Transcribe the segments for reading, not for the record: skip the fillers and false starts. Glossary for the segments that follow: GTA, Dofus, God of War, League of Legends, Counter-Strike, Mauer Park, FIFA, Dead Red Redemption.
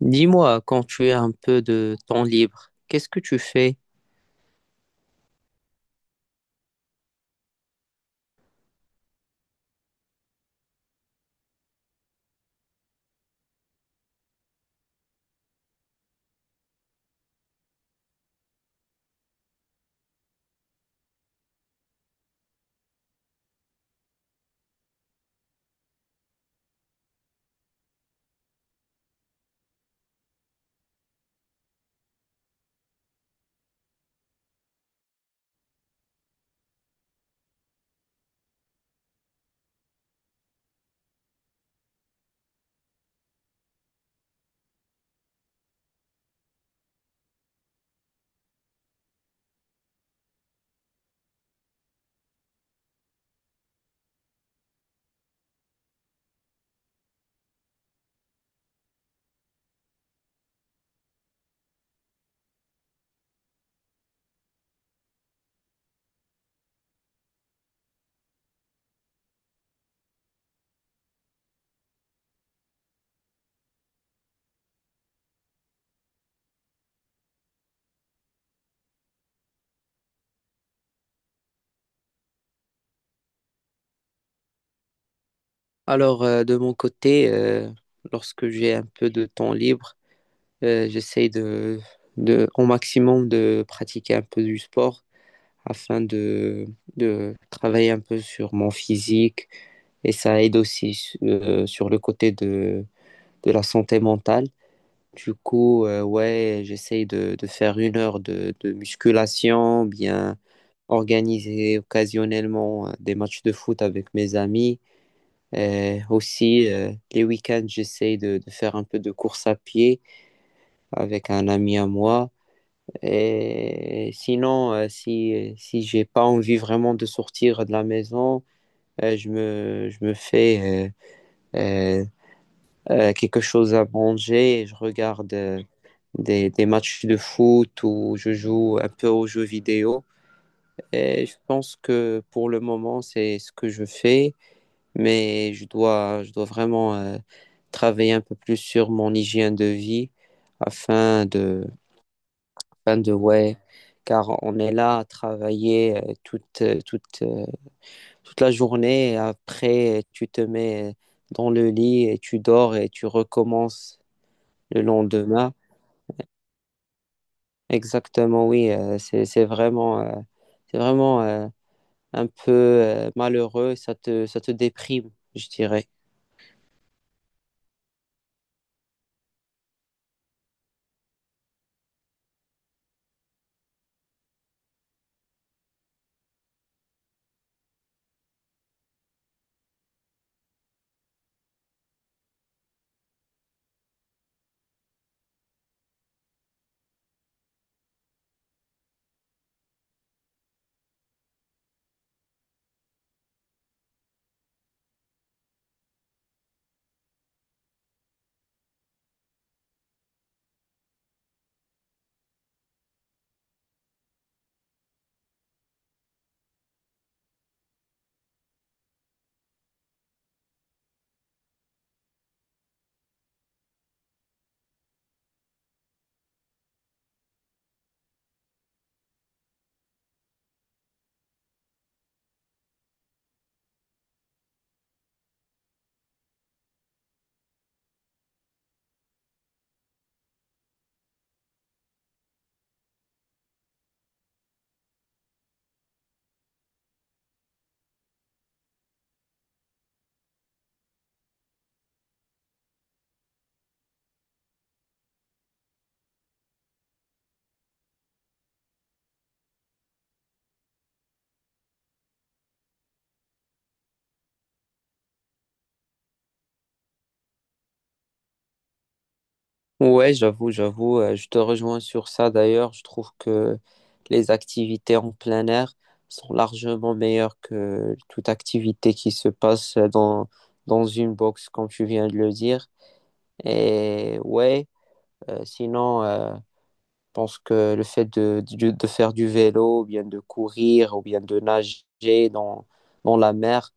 Dis-moi, quand tu as un peu de temps libre, qu'est-ce que tu fais? Alors, de mon côté, lorsque j'ai un peu de temps libre, j'essaie au maximum de pratiquer un peu du sport afin de travailler un peu sur mon physique et ça aide aussi sur le côté de la santé mentale. Du coup, ouais, j'essaie de faire une heure de musculation, bien organiser occasionnellement des matchs de foot avec mes amis. Aussi, les week-ends, j'essaie de faire un peu de course à pied avec un ami à moi. Et sinon, si j'ai pas envie vraiment de sortir de la maison, je me fais euh, euh, quelque chose à manger et je regarde des matchs de foot ou je joue un peu aux jeux vidéo. Et je pense que pour le moment, c'est ce que je fais. Mais je dois vraiment travailler un peu plus sur mon hygiène de vie afin de, ouais, car on est là à travailler toute la journée et après tu te mets dans le lit et tu dors et tu recommences le lendemain. Exactement, oui, c'est vraiment, c'est vraiment euh, un peu malheureux, ça te déprime, je dirais. Ouais, j'avoue, je te rejoins sur ça d'ailleurs. Je trouve que les activités en plein air sont largement meilleures que toute activité qui se passe dans une box, comme tu viens de le dire. Et ouais, sinon, pense que le fait de faire du vélo, ou bien de courir, ou bien de nager dans la mer,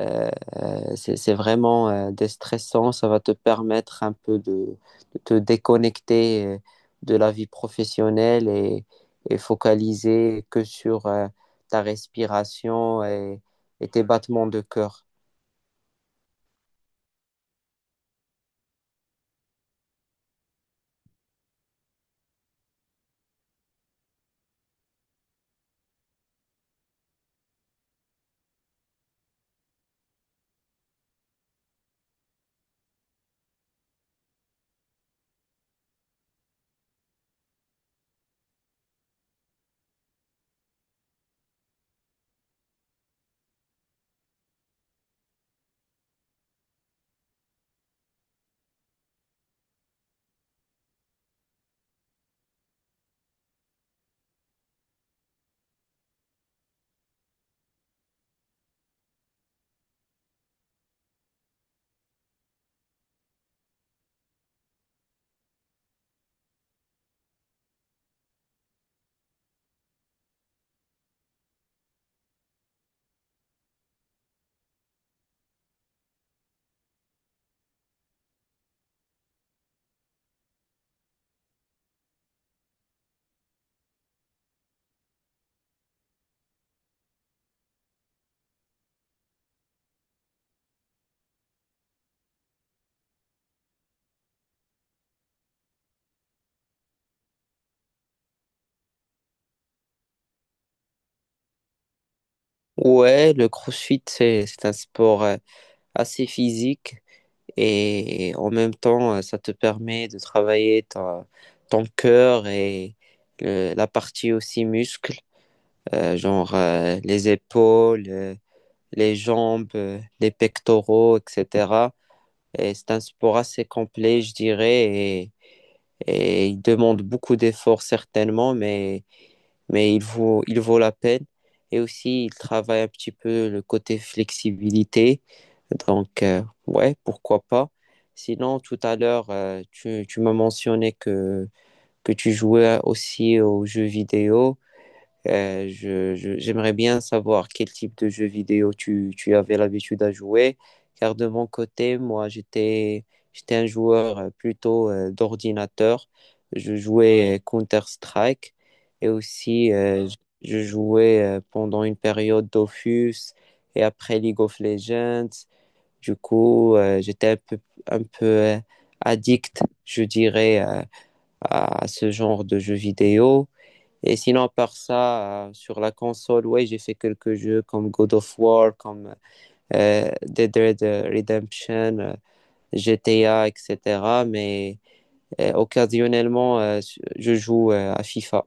euh, c'est vraiment déstressant. Ça va te permettre un peu de te déconnecter de la vie professionnelle et focaliser que sur ta respiration et tes battements de cœur. Ouais, le CrossFit, c'est un sport assez physique. Et en même temps, ça te permet de travailler ton cœur et la partie aussi muscle, genre les épaules, les jambes, les pectoraux, etc. Et c'est un sport assez complet, je dirais, et il demande beaucoup d'efforts certainement, mais il vaut la peine. Et aussi, il travaille un petit peu le côté flexibilité. Donc, ouais, pourquoi pas. Sinon, tout à l'heure, tu m'as mentionné que tu jouais aussi aux jeux vidéo. J'aimerais bien savoir quel type de jeu vidéo tu avais l'habitude à jouer, car de mon côté, moi, j'étais un joueur plutôt d'ordinateur. Je jouais Counter-Strike et aussi je jouais pendant une période Dofus et après League of Legends. Du coup, j'étais un peu addict, je dirais, à ce genre de jeux vidéo. Et sinon, par ça, sur la console, ouais, j'ai fait quelques jeux comme God of War, comme Dead Red Redemption, GTA, etc. Mais occasionnellement, je joue à FIFA.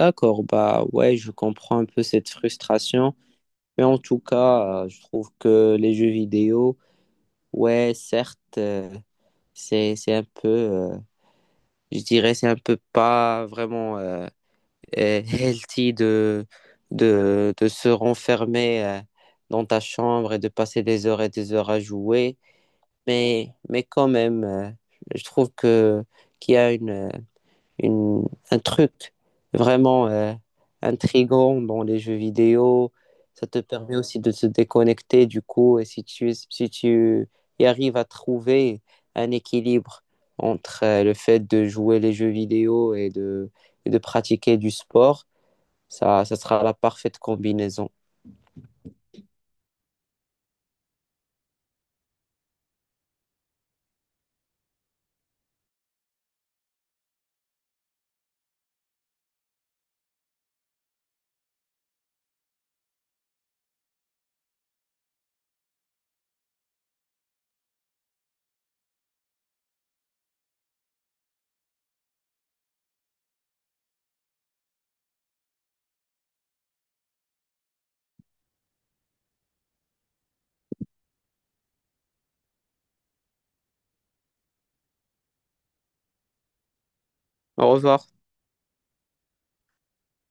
D'accord, bah ouais, je comprends un peu cette frustration. Mais en tout cas, je trouve que les jeux vidéo, ouais, certes, c'est un peu, je dirais, c'est un peu pas vraiment healthy de se renfermer dans ta chambre et de passer des heures et des heures à jouer. Mais, quand même, je trouve qu'il y a une, un truc vraiment intrigant dans les jeux vidéo. Ça te permet aussi de te déconnecter du coup. Et si si tu y arrives à trouver un équilibre entre le fait de jouer les jeux vidéo et de pratiquer du sport, ça sera la parfaite combinaison. Au revoir.